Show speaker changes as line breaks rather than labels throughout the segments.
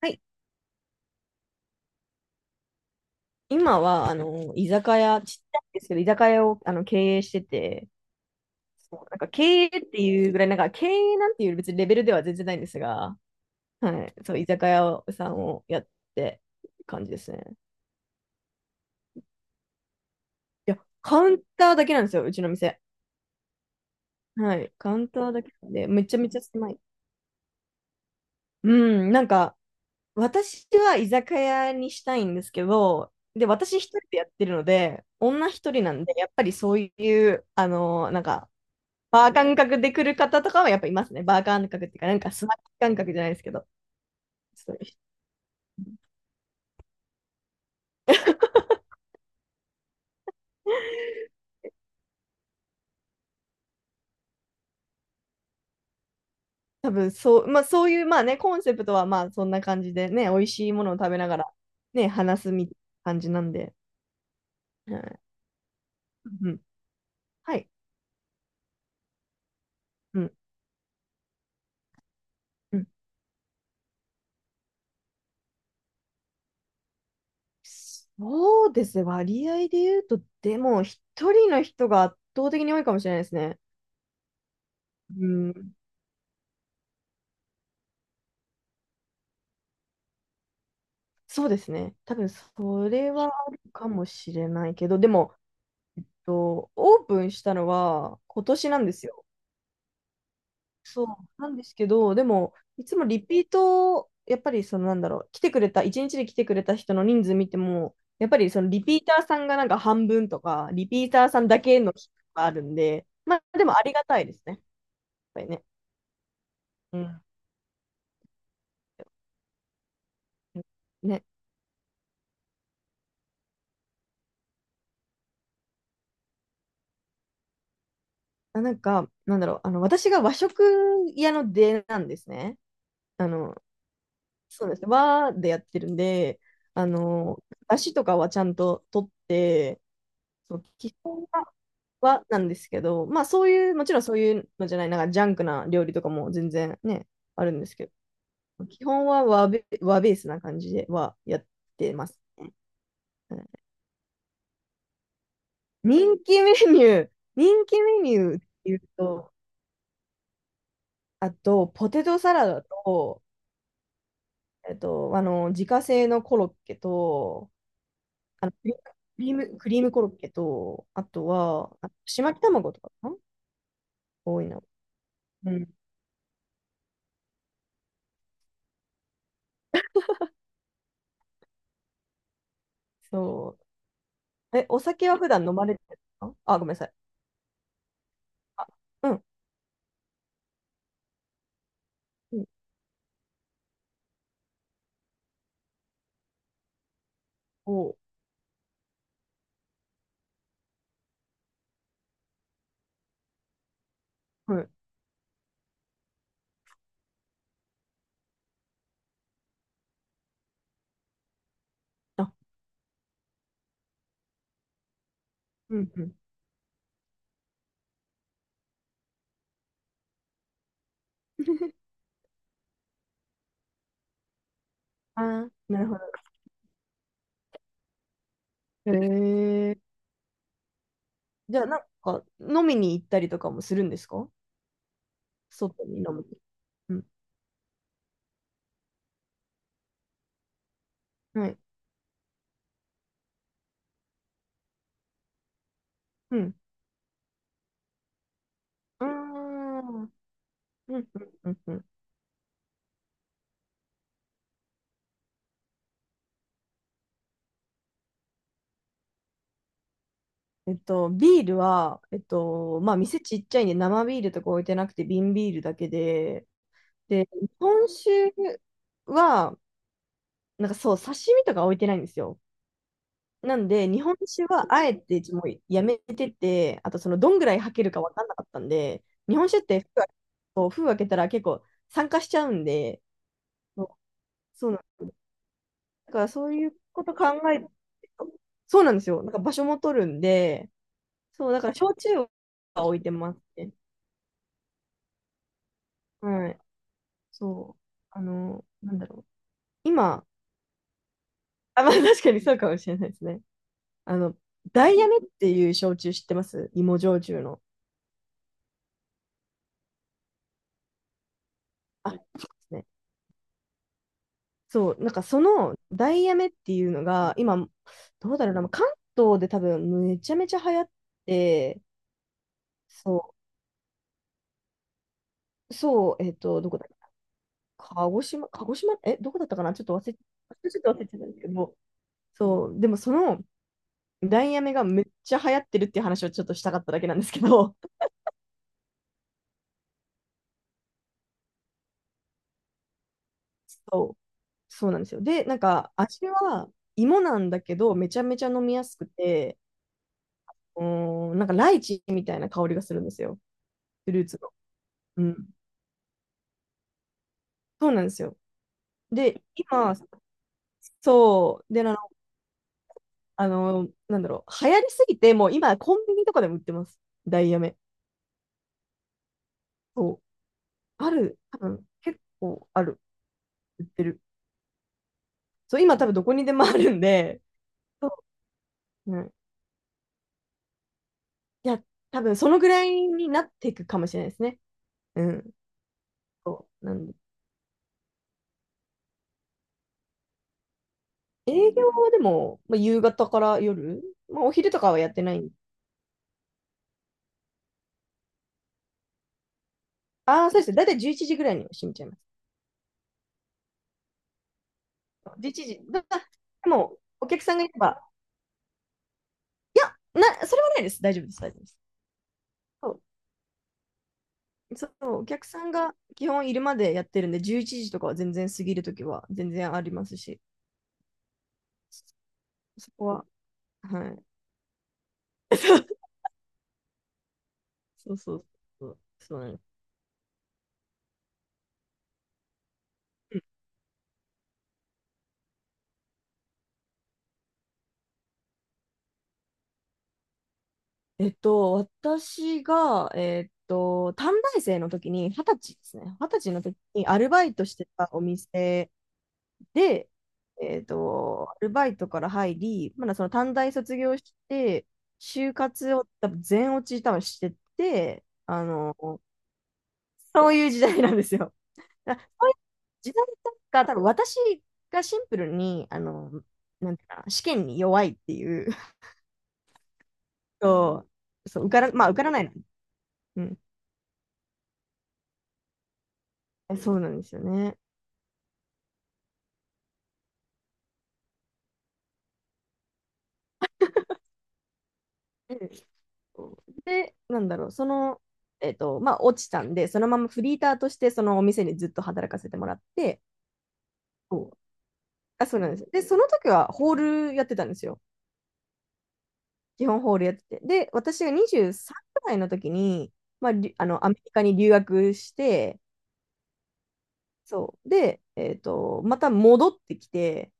はい、今は、居酒屋、ちっちゃいんですけど、居酒屋を経営してて、そう、なんか経営っていうぐらい、なんか経営なんていう別にレベルでは全然ないんですが、はい、そう、居酒屋さんをやってる感じですね。いや、カウンターだけなんですよ、うちの店。はい、カウンターだけなんで、めちゃめちゃ狭い。うん、なんか、私は居酒屋にしたいんですけど、で、私一人でやってるので、女一人なんで、やっぱりそういう、なんか、バー感覚で来る方とかはやっぱいますね。バー感覚っていうか、なんかスナック感覚じゃないですけど。ちょっと 多分そう、まあそういう、まあね、コンセプトはまあそんな感じでね、美味しいものを食べながらね、話すみたいな感じなんで。はい、うん。はい。うん。うん。そうですね。割合で言うと、でも一人の人が圧倒的に多いかもしれないですね。うん、そうですね。多分それはあるかもしれないけど、でも、オープンしたのは今年なんですよ。そうなんですけど、でも、いつもリピート、やっぱりそのなんだろう、来てくれた、一日で来てくれた人の人数見ても、やっぱりそのリピーターさんがなんか半分とか、リピーターさんだけの人があるんで、まあでもありがたいですね、やっぱりね。うん。ね、なんか、なんだろう、私が和食屋の出なんですね。あの、そうですね、和でやってるんで、あの、出汁とかはちゃんと取って、そう、基本は、はなんですけど、まあそういう、もちろんそういうのじゃない、なんかジャンクな料理とかも全然ね、あるんですけど、基本は和ベースな感じではやってます。はい、人気メニュー、人気メニューっていうと、あと、ポテトサラダと、自家製のコロッケと、あの、クリククリームコロッケと、あとは、あちまき卵とかかな、多いな。うん。そう。え、お酒は普段飲まれてるの、あ、ごめんなさい。あ、うん。うん、おう、はい。あ、うん、うん。あー、なるほど。へえ。じゃあ、なんか、飲みに行ったりとかもするんですか？外に飲むに、うん。はい。うん。うーん。うん、うん、うん。うん。ビールは、まあ、店ちっちゃいんで、生ビールとか置いてなくて、瓶ビールだけで、で、日本酒は、なんかそう、刺身とか置いてないんですよ。なんで、日本酒はあえてもうやめてて、あとそのどんぐらい吐けるか分かんなかったんで、日本酒って封開けたら結構酸化しちゃうんで、そう、そうなんだからそういうこと考えて、そうなんですよ。なんか場所も取るんで、そう、だから焼酎は置いてますね。はい。そう。なんだろう。今、あ、まあ確かにそうかもしれないですね。あの、ダイヤメっていう焼酎知ってます？芋焼酎の。あ、そうですね、そう、なんかそのダイヤメっていうのが、今、どうだろうな、関東で多分めちゃめちゃ流行って、そう、そう、どこだっけ、鹿児島、鹿児島、え、どこだったかな、ちょっと忘れちゃったんですけど、そう、でもそのダイヤメがめっちゃ流行ってるっていう話をちょっとしたかっただけなんですけど、そう、そうなんですよ。で、なんか味は芋なんだけど、めちゃめちゃ飲みやすくて、うーん、なんかライチみたいな香りがするんですよ、フルーツの。うん、そうなんですよ。で、今、そう、で、あの、なんだろう、流行りすぎて、もう今、コンビニとかでも売ってます。ダイヤメ。そう。ある、多分、結構ある。売ってる。そう、今、多分、どこにでもあるんで、そう、うん。いや、多分、そのぐらいになっていくかもしれないですね。うん。そう。なんで、営業はでも、まあ、夕方から夜、まあ、お昼とかはやってない。ああ、そうですね。だいたい11時ぐらいには閉めちゃいます。11時。でも、お客さんがいれば、いや、な、それはないです。大丈夫です。大丈夫です。そう、そう、お客さんが基本いるまでやってるんで、11時とかは全然過ぎるときは全然ありますし、そこは、はい。そうそうそう、そうなんです、うん、私が、短大生の時に、二十歳ですね。二十歳の時にアルバイトしてたお店で、アルバイトから入り、まだその短大卒業して、就活を多分全落ち多分してて、そういう時代なんですよ。あ、そういう時代だ、多分私がシンプルに、なんていうかな、試験に弱いっていう、そう、そう、受から、まあ、受からないの。うん。え、そうなんですよね。うん、で、なんだろう、その、まあ、落ちたんで、そのままフリーターとして、そのお店にずっと働かせてもらって、そう、あ、そうなんです。で、その時はホールやってたんですよ。基本ホールやってて。で、私が23くらいの時に、まあ、りあの、アメリカに留学して、そう。で、また戻ってきて、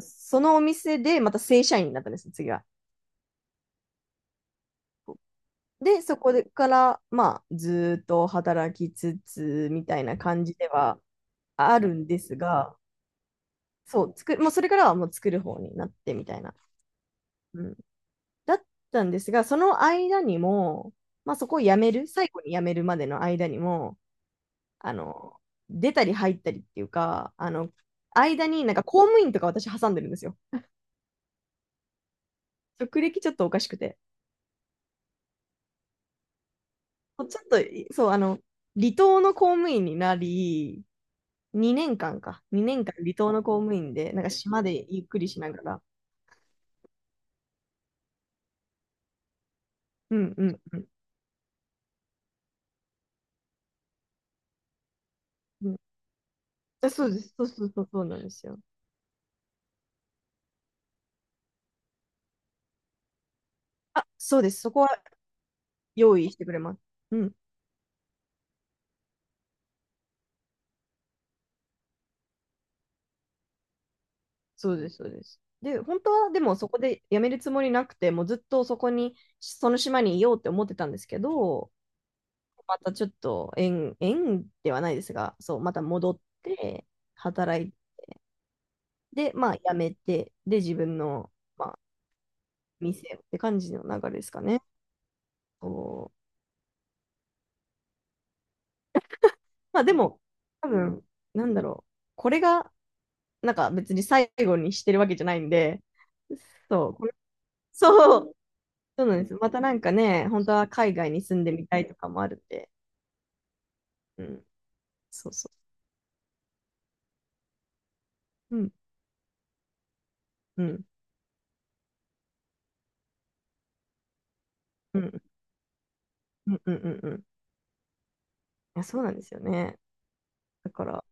そのお店でまた正社員になったんですよ、次は。で、そこでから、まあ、ずーっと働きつつ、みたいな感じではあるんですが、そう、作る、もうそれからはもう作る方になってみたいな。うん。だったんですが、その間にも、まあそこを辞める、最後に辞めるまでの間にも、あの、出たり入ったりっていうか、間になんか公務員とか私挟んでるんですよ。職歴ちょっとおかしくて。ちょっと、そう、離島の公務員になり、2年間離島の公務員で、なんか島でゆっくりしながら、うんうんうんうん。あ、そうです、そうそうそう、そうなんですよ。あ、そうです、そこは用意してくれます。うん、そうです、そうです。で、本当はでもそこで辞めるつもりなくて、もうずっとそこに、その島にいようって思ってたんですけど、またちょっと縁ではないですが、そう、また戻って働いで、まあ、辞めて、で、自分の、まあ、店をって感じの流れですかね。そう、まあ、でも、多分、なんだろう。これが、なんか別に最後にしてるわけじゃないんで、そう、そう、そうなんです。またなんかね、本当は海外に住んでみたいとかもあるんで、うん、そうそう。うん、うん、うん、うん、うん、うん。うん、いや、そうなんですよね。だから、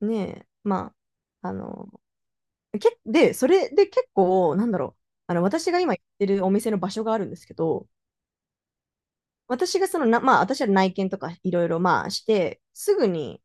ねえ、まあ、で、それで結構、なんだろう、私が今行ってるお店の場所があるんですけど、私がそのな、まあ、私は内見とかいろいろ、まあ、して、すぐに、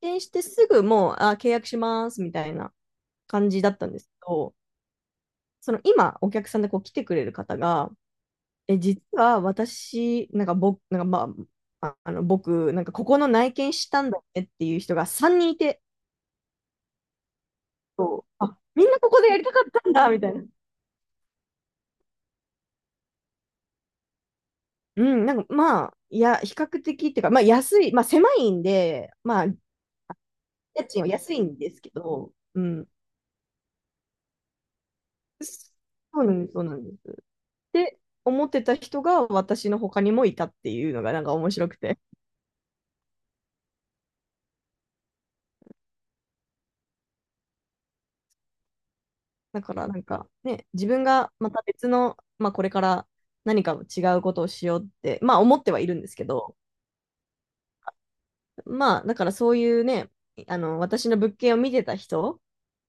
内見してすぐもう、あ、契約しますみたいな感じだったんですけど、その今、お客さんでこう来てくれる方が、え、実は私、なんか僕、なんかまあ、ああの、僕、なんかここの内見したんだってっていう人が3人いて、そう、あ、みんなここでやりたかったんだ、みたいな。うん、なんかまあ、いや、比較的っていうか、まあ安い、まあ狭いんで、まあ、家賃は安いんですけど、うん。そうなんです、そうなんです。で、思ってた人が私の他にもいたっていうのがなんか面白くて。だからなんかね、自分がまた別の、まあこれから何か違うことをしようって、まあ思ってはいるんですけど、まあだからそういうね、私の物件を見てた人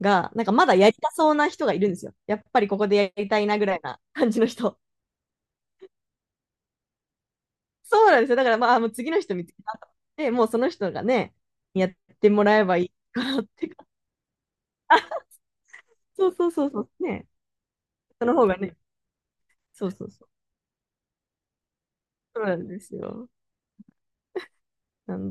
が、なんかまだやりたそうな人がいるんですよ。やっぱりここでやりたいなぐらいな感じの人。そうなんですよ。だからまあ、もう次の人見つけたと思って、もうその人がね、やってもらえばいいからってか、そうそうそうそう、ね、その方がね、そうそうそう、そうなんですよ。なんで